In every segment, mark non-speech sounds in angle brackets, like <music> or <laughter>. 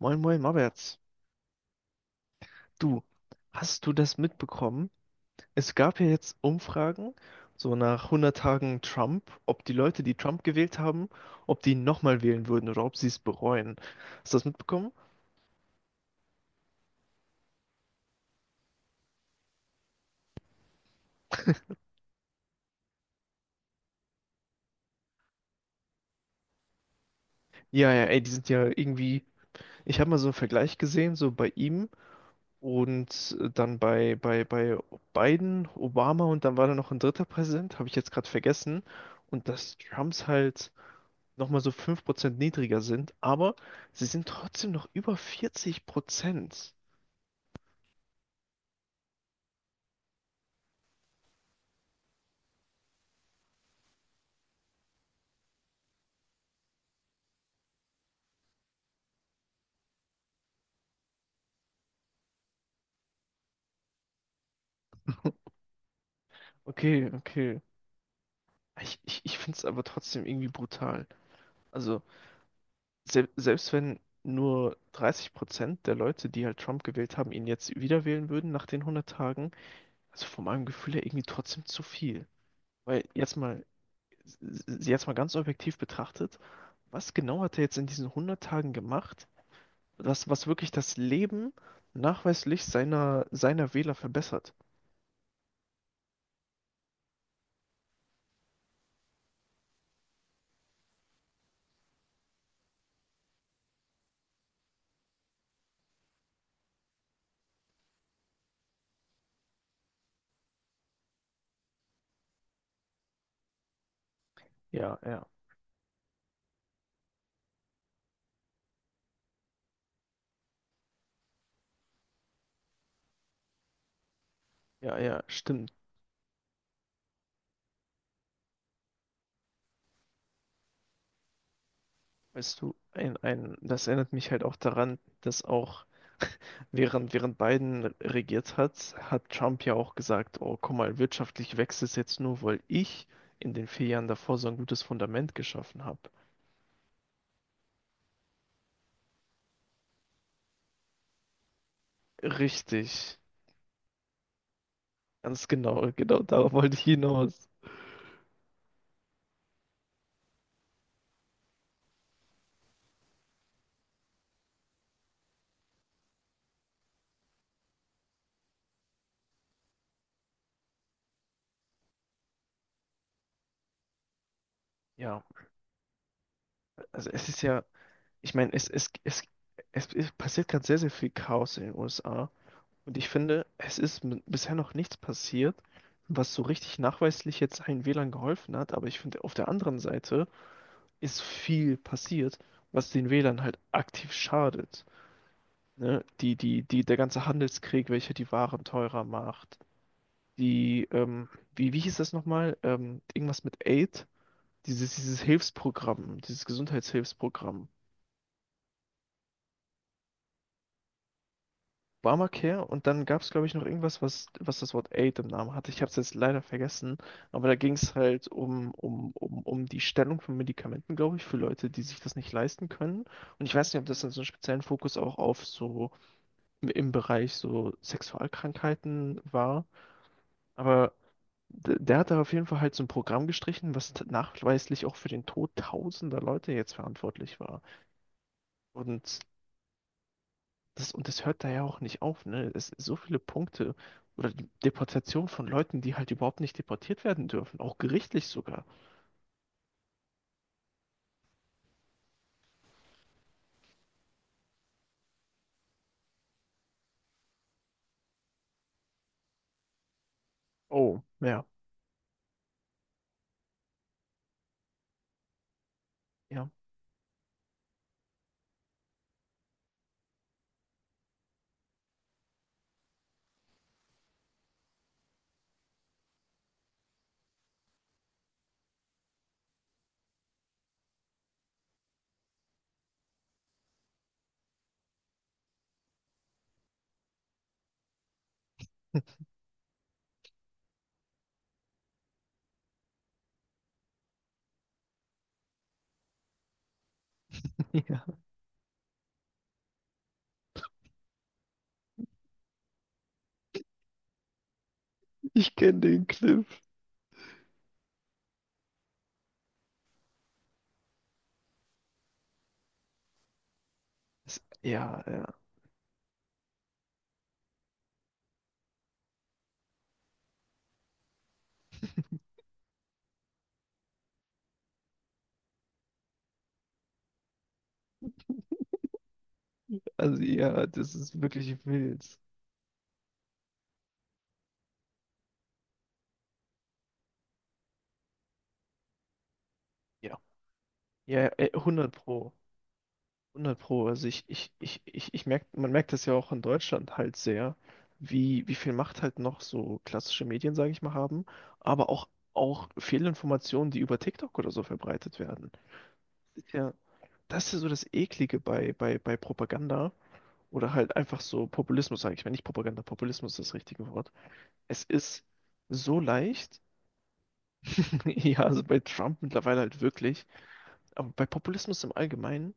Moin, moin, Maberts. Du, hast du das mitbekommen? Es gab ja jetzt Umfragen, so nach 100 Tagen Trump, ob die Leute, die Trump gewählt haben, ob die ihn nochmal wählen würden oder ob sie es bereuen. Hast du das mitbekommen? Ja, ja, ey, die sind ja irgendwie, ich habe mal so einen Vergleich gesehen, so bei ihm und dann bei, bei Biden, Obama und dann war da noch ein dritter Präsident, habe ich jetzt gerade vergessen. Und dass Trumps halt nochmal so 5% niedriger sind, aber sie sind trotzdem noch über 40%. Okay, okay. Ich finde es aber trotzdem irgendwie brutal. Also, selbst wenn nur 30% der Leute, die halt Trump gewählt haben, ihn jetzt wieder wählen würden nach den hundert Tagen, also von meinem Gefühl her irgendwie trotzdem zu viel. Weil jetzt mal, s- jetzt mal ganz objektiv betrachtet, was genau hat er jetzt in diesen hundert Tagen gemacht, was wirklich das Leben nachweislich seiner Wähler verbessert? Ja, ja, ja, ja, stimmt. Weißt du, das erinnert mich halt auch daran, dass auch während Biden regiert hat, hat Trump ja auch gesagt, oh, guck mal, wirtschaftlich wächst es jetzt nur, weil ich in den vier Jahren davor so ein gutes Fundament geschaffen habe. Richtig, ganz genau, genau darauf wollte ich hinaus. Ja, also es ist ja, ich meine, es passiert gerade sehr, sehr viel Chaos in den USA. Und ich finde, es ist bisher noch nichts passiert, was so richtig nachweislich jetzt allen WLAN geholfen hat. Aber ich finde, auf der anderen Seite ist viel passiert, was den WLAN halt aktiv schadet. Ne? Der ganze Handelskrieg, welcher die Waren teurer macht. Die, wie, wie hieß das nochmal? Irgendwas mit Aid? Dieses Hilfsprogramm, dieses Gesundheitshilfsprogramm, Obamacare und dann gab es, glaube ich, noch irgendwas, was das Wort Aid im Namen hatte. Ich habe es jetzt leider vergessen, aber da ging es halt um die Stellung von Medikamenten, glaube ich, für Leute, die sich das nicht leisten können. Und ich weiß nicht, ob das dann so einen speziellen Fokus auch auf so im Bereich so Sexualkrankheiten war, aber der hat da auf jeden Fall halt so ein Programm gestrichen, was nachweislich auch für den Tod tausender Leute jetzt verantwortlich war. Und das, und das hört da ja auch nicht auf, ne? Es so viele Punkte oder die Deportation von Leuten, die halt überhaupt nicht deportiert werden dürfen, auch gerichtlich sogar. Oh, ja, ja. <laughs> Ich kenne den Clip. Es, ja, ja, also ja, das ist wirklich wild. Ja. Ja, 100 Pro. Hundert Pro. Also ich merk, man merkt das ja auch in Deutschland halt sehr, wie viel Macht halt noch so klassische Medien, sage ich mal, haben, aber auch, auch Fehlinformationen, die über TikTok oder so verbreitet werden. Ist Ja, das ist ja so das Eklige bei Propaganda oder halt einfach so Populismus, sage ich mal. Nicht Propaganda, Populismus ist das richtige Wort. Es ist so leicht, <laughs> ja, also bei Trump mittlerweile halt wirklich, aber bei Populismus im Allgemeinen.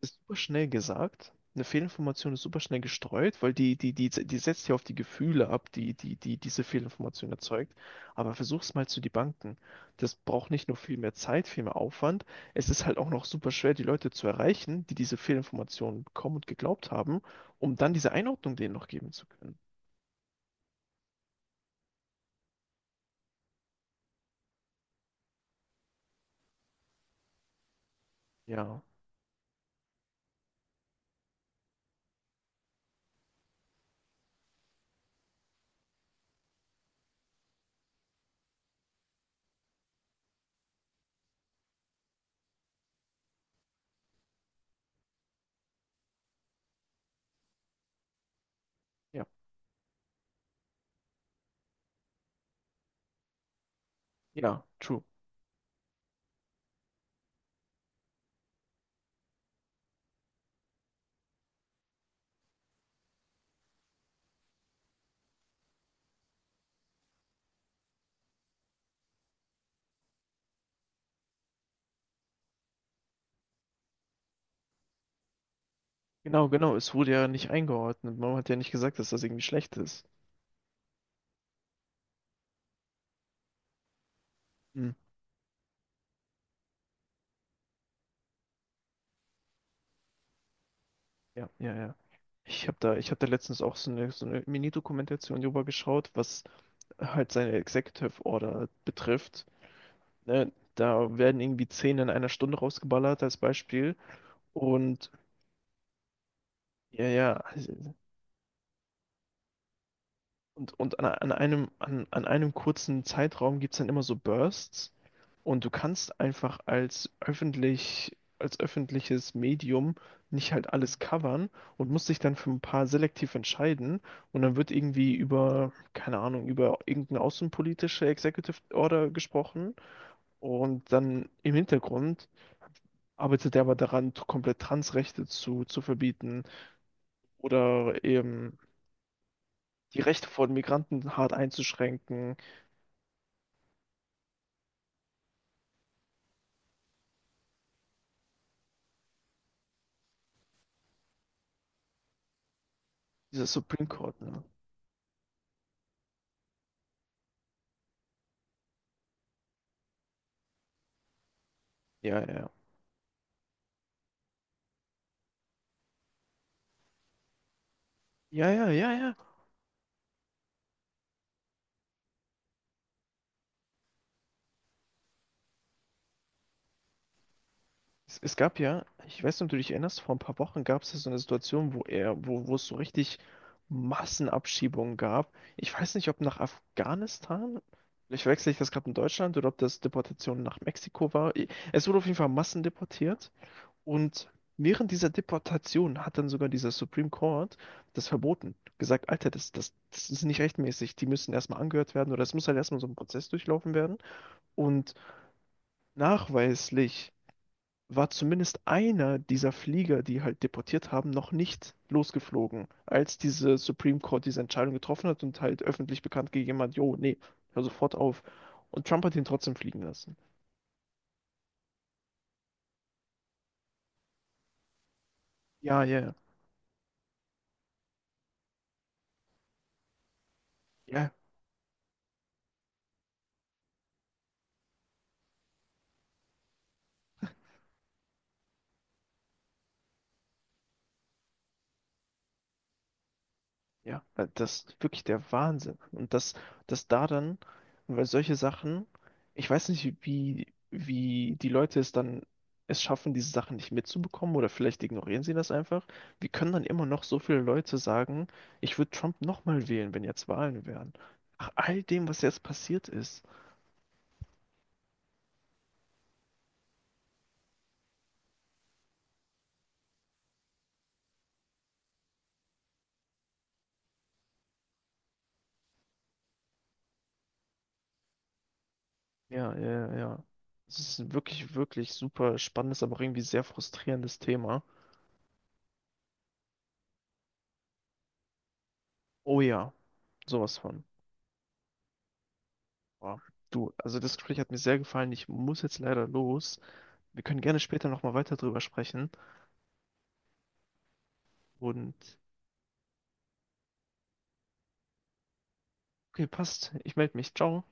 Das ist super schnell gesagt. Eine Fehlinformation ist super schnell gestreut, weil die setzt ja auf die Gefühle ab, die diese Fehlinformation erzeugt. Aber versuch's mal zu debunken. Das braucht nicht nur viel mehr Zeit, viel mehr Aufwand. Es ist halt auch noch super schwer, die Leute zu erreichen, die diese Fehlinformationen bekommen und geglaubt haben, um dann diese Einordnung denen noch geben zu können. Ja, ja, ja, true. Genau, genau. Es wurde ja nicht eingeordnet. Man hat ja nicht gesagt, dass das irgendwie schlecht ist. Hm. Ja, ja, ja. Ich hab da letztens auch so eine Mini-Dokumentation drüber geschaut, was halt seine Executive Order betrifft. Ne? Da werden irgendwie zehn in einer Stunde rausgeballert als Beispiel. Und ja, ja, und an, an einem kurzen Zeitraum gibt es dann immer so Bursts. Und du kannst einfach als als öffentliches Medium nicht halt alles covern und musst dich dann für ein paar selektiv entscheiden. Und dann wird irgendwie über, keine Ahnung, über irgendeine außenpolitische Executive Order gesprochen. Und dann im Hintergrund arbeitet er aber daran, komplett Transrechte zu verbieten oder eben die Rechte von Migranten hart einzuschränken. Dieser Supreme Court, ne? Ja, ja, ja. Ja, ja, ja, ja. Es gab ja, ich weiß nicht, ob du dich erinnerst, vor ein paar Wochen gab es ja so eine Situation, wo es so richtig Massenabschiebungen gab. Ich weiß nicht, ob nach Afghanistan, vielleicht wechsle ich das gerade in Deutschland oder ob das Deportation nach Mexiko war. Es wurde auf jeden Fall massendeportiert und während dieser Deportation hat dann sogar dieser Supreme Court das verboten. Gesagt, Alter, das ist nicht rechtmäßig. Die müssen erstmal angehört werden oder es muss halt erstmal so ein Prozess durchlaufen werden. Und nachweislich war zumindest einer dieser Flieger, die halt deportiert haben, noch nicht losgeflogen, als diese Supreme Court diese Entscheidung getroffen hat und halt öffentlich bekannt gegeben hat, jo, nee, hör sofort auf. Und Trump hat ihn trotzdem fliegen lassen. Ja, ja, ja. Ja, weil das ist wirklich der Wahnsinn. Und das, das da dann, und weil solche Sachen, ich weiß nicht, wie die Leute es schaffen, diese Sachen nicht mitzubekommen oder vielleicht ignorieren sie das einfach. Wie können dann immer noch so viele Leute sagen, ich würde Trump nochmal wählen, wenn jetzt Wahlen wären? Nach all dem, was jetzt passiert ist. Ja, ja, ja. Es ist ein wirklich, wirklich super spannendes, aber auch irgendwie sehr frustrierendes Thema. Oh ja, sowas von. Boah. Du, also das Gespräch hat mir sehr gefallen. Ich muss jetzt leider los. Wir können gerne später nochmal weiter drüber sprechen. Und okay, passt. Ich melde mich. Ciao.